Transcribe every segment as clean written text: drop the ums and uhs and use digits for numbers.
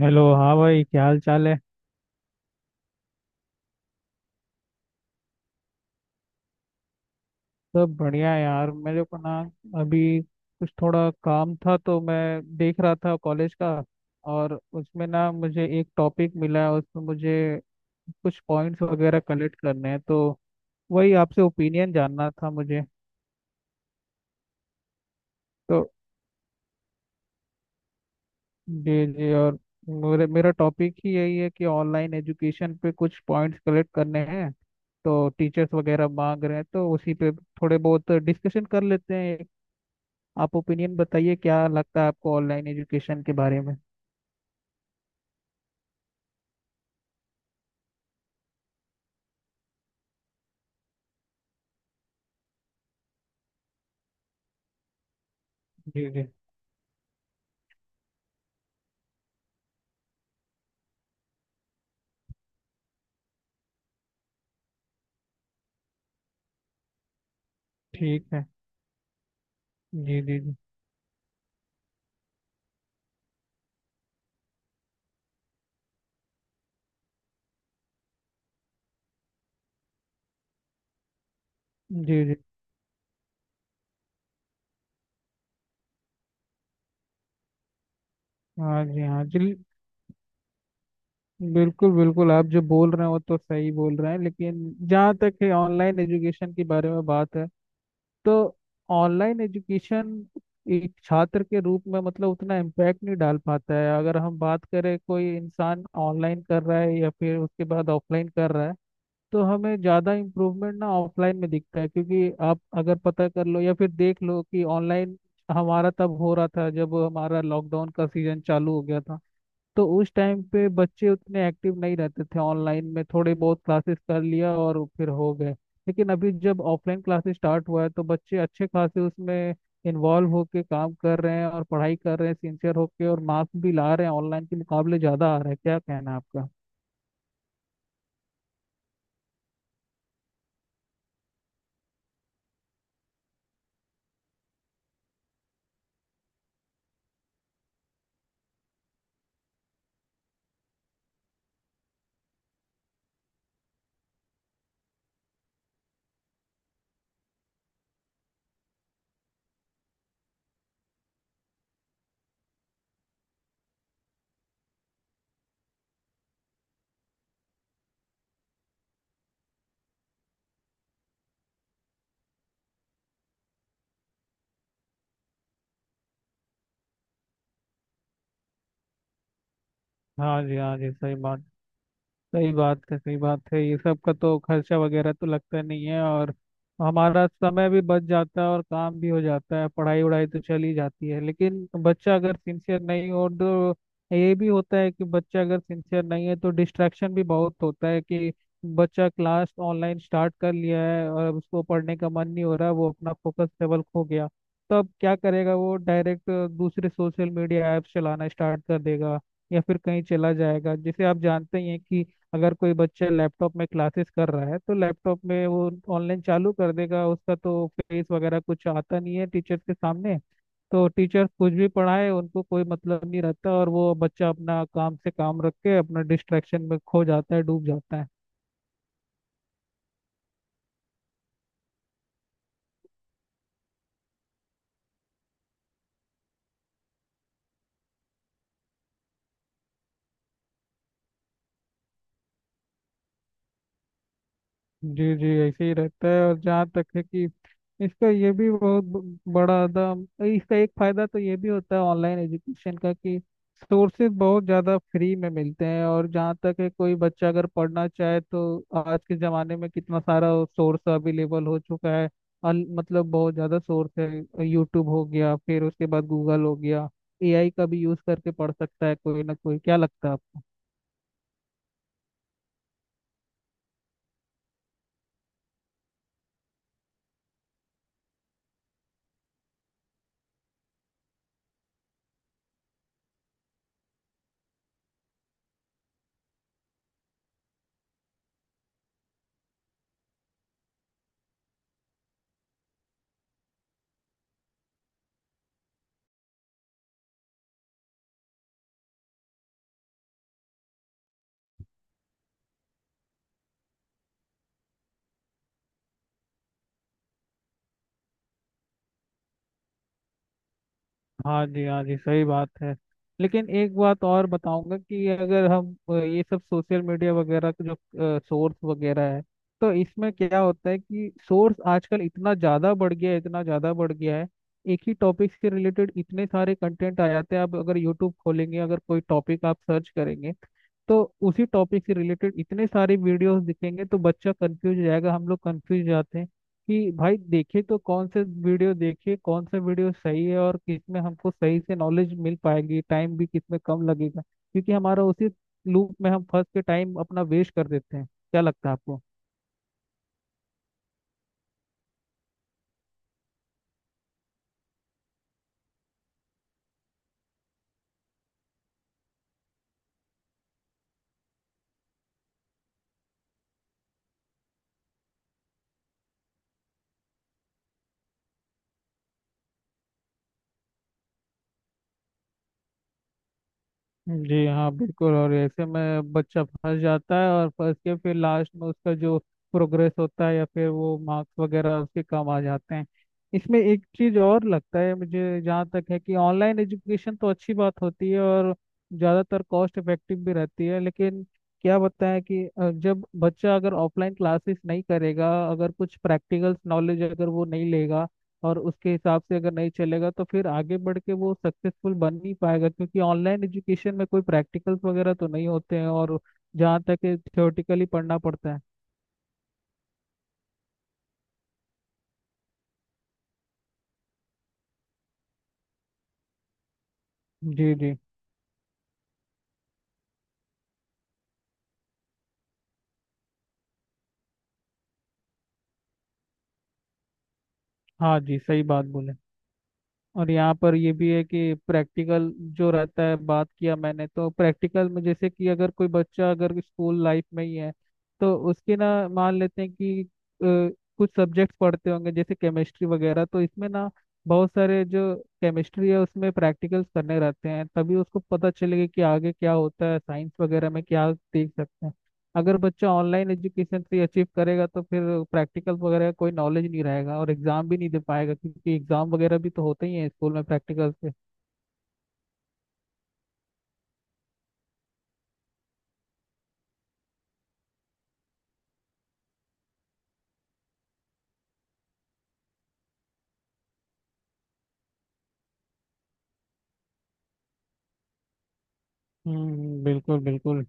Hello. हाँ भाई, क्या हाल चाल है। सब बढ़िया है यार। मेरे को ना अभी कुछ थोड़ा काम था, तो मैं देख रहा था कॉलेज का। और उसमें ना मुझे एक टॉपिक मिला है, उसमें मुझे कुछ पॉइंट्स वगैरह कलेक्ट करने हैं, तो वही आपसे ओपिनियन जानना था मुझे। तो जी जी, और मेरे मेरा टॉपिक ही यही है कि ऑनलाइन एजुकेशन पे कुछ पॉइंट्स कलेक्ट करने हैं। तो टीचर्स वगैरह मांग रहे हैं, तो उसी पे थोड़े बहुत डिस्कशन कर लेते हैं। आप ओपिनियन बताइए, क्या लगता है आपको ऑनलाइन एजुकेशन के बारे में। जी जी। ठीक है। जी जी जी जी जी। हाँ जी, हाँ जी, बिल्कुल बिल्कुल, आप जो बोल रहे हैं वो तो सही बोल रहे हैं, लेकिन जहाँ तक है ऑनलाइन एजुकेशन के बारे में बात है, तो ऑनलाइन एजुकेशन एक छात्र के रूप में मतलब उतना इम्पैक्ट नहीं डाल पाता है। अगर हम बात करें, कोई इंसान ऑनलाइन कर रहा है या फिर उसके बाद ऑफलाइन कर रहा है, तो हमें ज़्यादा इम्प्रूवमेंट ना ऑफलाइन में दिखता है। क्योंकि आप अगर पता कर लो या फिर देख लो कि ऑनलाइन हमारा तब हो रहा था जब हमारा लॉकडाउन का सीजन चालू हो गया था, तो उस टाइम पे बच्चे उतने एक्टिव नहीं रहते थे। ऑनलाइन में थोड़े बहुत क्लासेस कर लिया और फिर हो गए। लेकिन अभी जब ऑफलाइन क्लासेस स्टार्ट हुआ है, तो बच्चे अच्छे खासे उसमें इन्वॉल्व होके काम कर रहे हैं और पढ़ाई कर रहे हैं सिंसियर होके, और मार्क्स भी ला रहे हैं, ऑनलाइन के मुकाबले ज़्यादा आ रहा है। क्या कहना है आपका? हाँ जी, हाँ जी, सही बात। सही बात है, सही बात है। ये सब का तो खर्चा वगैरह तो लगता नहीं है, और हमारा समय भी बच जाता है और काम भी हो जाता है, पढ़ाई वढ़ाई तो चल ही जाती है। लेकिन बच्चा अगर सिंसियर नहीं हो तो ये भी होता है कि बच्चा अगर सिंसियर नहीं है तो डिस्ट्रैक्शन भी बहुत होता है। कि बच्चा क्लास ऑनलाइन स्टार्ट कर लिया है और अब उसको पढ़ने का मन नहीं हो रहा, वो अपना फोकस लेवल खो गया, तो अब क्या करेगा। वो डायरेक्ट दूसरे सोशल मीडिया ऐप्स चलाना स्टार्ट कर देगा या फिर कहीं चला जाएगा। जैसे आप जानते ही हैं कि अगर कोई बच्चा लैपटॉप में क्लासेस कर रहा है तो लैपटॉप में वो ऑनलाइन चालू कर देगा, उसका तो फेस वगैरह कुछ आता नहीं है टीचर्स के सामने, तो टीचर्स कुछ भी पढ़ाए उनको कोई मतलब नहीं रहता। और वो बच्चा अपना काम से काम रख के अपना डिस्ट्रैक्शन में खो जाता है, डूब जाता है। जी जी, ऐसे ही रहता है। और जहाँ तक है कि इसका ये भी बहुत बड़ा दाम, इसका एक फायदा तो ये भी होता है ऑनलाइन एजुकेशन का कि सोर्सेज बहुत ज़्यादा फ्री में मिलते हैं। और जहाँ तक है, कोई बच्चा अगर पढ़ना चाहे तो आज के ज़माने में कितना सारा सोर्स अवेलेबल हो चुका है। मतलब बहुत ज़्यादा सोर्स है, यूट्यूब हो गया, फिर उसके बाद गूगल हो गया, एआई का भी यूज़ करके पढ़ सकता है कोई ना कोई। क्या लगता है आपको? हाँ जी, हाँ जी, सही बात है। लेकिन एक बात और बताऊंगा कि अगर हम ये सब सोशल मीडिया वगैरह का जो सोर्स वगैरह है, तो इसमें क्या होता है कि सोर्स आजकल इतना ज़्यादा बढ़ गया है, इतना ज़्यादा बढ़ गया है। एक ही टॉपिक से रिलेटेड इतने सारे कंटेंट आ जाते हैं। आप अगर यूट्यूब खोलेंगे, अगर कोई टॉपिक आप सर्च करेंगे, तो उसी टॉपिक से रिलेटेड इतने सारे वीडियोस दिखेंगे, तो बच्चा कंफ्यूज हो जाएगा, हम लोग कंफ्यूज जाते हैं कि भाई देखे तो कौन से वीडियो देखे, कौन से वीडियो सही है और किसमें हमको सही से नॉलेज मिल पाएगी, टाइम भी किसमें कम लगेगा। क्योंकि हमारा उसी लूप में हम फंस के टाइम अपना वेस्ट कर देते हैं। क्या लगता है आपको? जी हाँ, बिल्कुल। और ऐसे में बच्चा फंस जाता है और फंस के फिर लास्ट में उसका जो प्रोग्रेस होता है या फिर वो मार्क्स वगैरह उसके कम आ जाते हैं। इसमें एक चीज और लगता है मुझे, जहाँ तक है कि ऑनलाइन एजुकेशन तो अच्छी बात होती है और ज़्यादातर कॉस्ट इफेक्टिव भी रहती है। लेकिन क्या बताएं कि जब बच्चा अगर ऑफलाइन क्लासेस नहीं करेगा, अगर कुछ प्रैक्टिकल नॉलेज अगर वो नहीं लेगा और उसके हिसाब से अगर नहीं चलेगा, तो फिर आगे बढ़ के वो सक्सेसफुल बन नहीं पाएगा। क्योंकि ऑनलाइन एजुकेशन में कोई प्रैक्टिकल्स वगैरह तो नहीं होते हैं, और जहाँ तक थ्योरेटिकली पढ़ना पड़ता है। जी जी। हाँ जी, सही बात बोले। और यहाँ पर ये भी है कि प्रैक्टिकल जो रहता है, बात किया मैंने, तो प्रैक्टिकल में जैसे कि अगर कोई बच्चा अगर स्कूल लाइफ में ही है तो उसके ना, मान लेते हैं कि कुछ सब्जेक्ट्स पढ़ते होंगे जैसे केमिस्ट्री वगैरह, तो इसमें ना बहुत सारे जो केमिस्ट्री है उसमें प्रैक्टिकल्स करने रहते हैं, तभी उसको पता चलेगा कि आगे क्या होता है, साइंस वगैरह में क्या देख सकते हैं। अगर बच्चा ऑनलाइन एजुकेशन से अचीव करेगा तो फिर प्रैक्टिकल वगैरह का कोई नॉलेज नहीं रहेगा और एग्जाम भी नहीं दे पाएगा, क्योंकि एग्जाम वगैरह भी तो होते ही हैं स्कूल में प्रैक्टिकल से। हम्म, बिल्कुल बिल्कुल।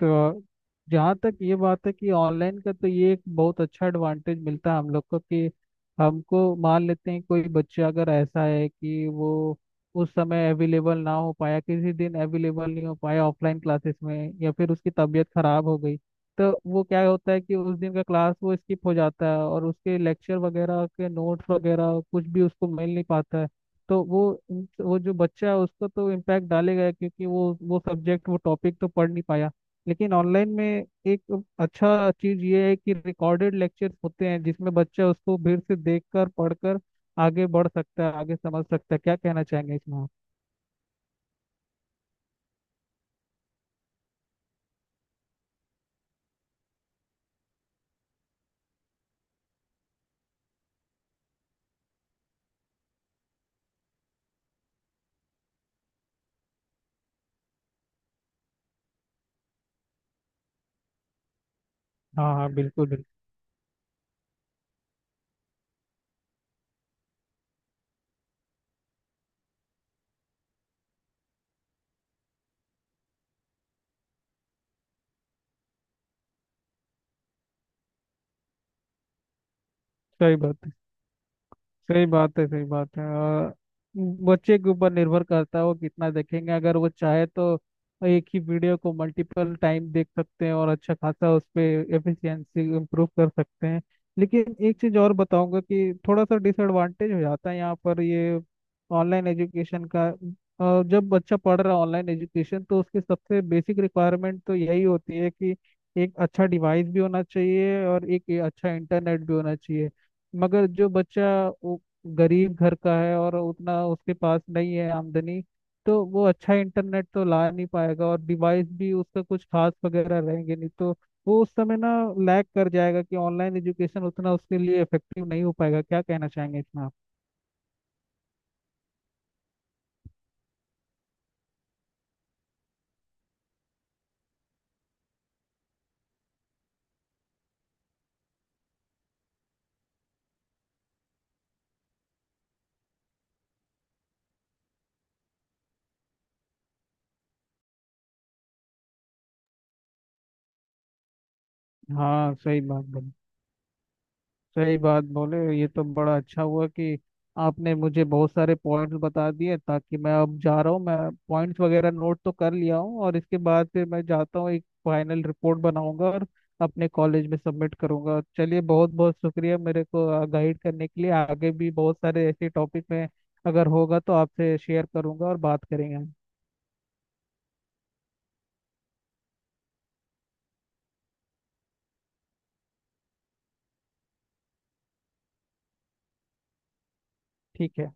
तो जहाँ तक ये बात है कि ऑनलाइन का तो ये एक बहुत अच्छा एडवांटेज मिलता है हम लोग को, कि हमको मान लेते हैं कोई बच्चा अगर ऐसा है कि वो उस समय अवेलेबल ना हो पाया, किसी दिन अवेलेबल नहीं हो पाया ऑफलाइन क्लासेस में, या फिर उसकी तबीयत खराब हो गई, तो वो क्या होता है कि उस दिन का क्लास वो स्किप हो जाता है और उसके लेक्चर वगैरह के नोट्स वगैरह कुछ भी उसको मिल नहीं पाता है। तो वो जो बच्चा है उसको तो इम्पैक्ट डालेगा, क्योंकि वो सब्जेक्ट वो टॉपिक तो पढ़ नहीं पाया। लेकिन ऑनलाइन में एक अच्छा चीज ये है कि रिकॉर्डेड लेक्चर होते हैं, जिसमें बच्चा उसको फिर से देखकर पढ़कर आगे बढ़ सकता है, आगे समझ सकता है। क्या कहना चाहेंगे इसमें आप? हाँ हाँ, बिल्कुल बिल्कुल। सही बात, सही बात है, सही बात है। और बच्चे के ऊपर निर्भर करता है वो कितना देखेंगे। अगर वो चाहे तो एक ही वीडियो को मल्टीपल टाइम देख सकते हैं और अच्छा खासा उस पे एफिशिएंसी इम्प्रूव कर सकते हैं। लेकिन एक चीज़ और बताऊंगा कि थोड़ा सा डिसएडवांटेज हो जाता है यहाँ पर, ये ऑनलाइन एजुकेशन का। जब बच्चा पढ़ रहा है ऑनलाइन एजुकेशन, तो उसकी सबसे बेसिक रिक्वायरमेंट तो यही होती है कि एक अच्छा डिवाइस भी होना चाहिए और एक अच्छा इंटरनेट भी होना चाहिए। मगर जो बच्चा वो गरीब घर का है और उतना उसके पास नहीं है आमदनी, तो वो अच्छा इंटरनेट तो ला नहीं पाएगा और डिवाइस भी उसका कुछ खास वगैरह रहेंगे नहीं, तो वो उस समय ना लैग कर जाएगा कि ऑनलाइन एजुकेशन उतना उसके लिए इफेक्टिव नहीं हो पाएगा। क्या कहना चाहेंगे इसमें आप? हाँ, सही बात बोली, सही बात बोले। ये तो बड़ा अच्छा हुआ कि आपने मुझे बहुत सारे पॉइंट्स बता दिए। ताकि मैं अब जा रहा हूँ, मैं पॉइंट्स वगैरह नोट तो कर लिया हूँ, और इसके बाद फिर मैं जाता हूँ, एक फाइनल रिपोर्ट बनाऊंगा और अपने कॉलेज में सबमिट करूंगा। चलिए, बहुत बहुत शुक्रिया मेरे को गाइड करने के लिए। आगे भी बहुत सारे ऐसे टॉपिक में अगर होगा तो आपसे शेयर करूंगा और बात करेंगे हम। ठीक है।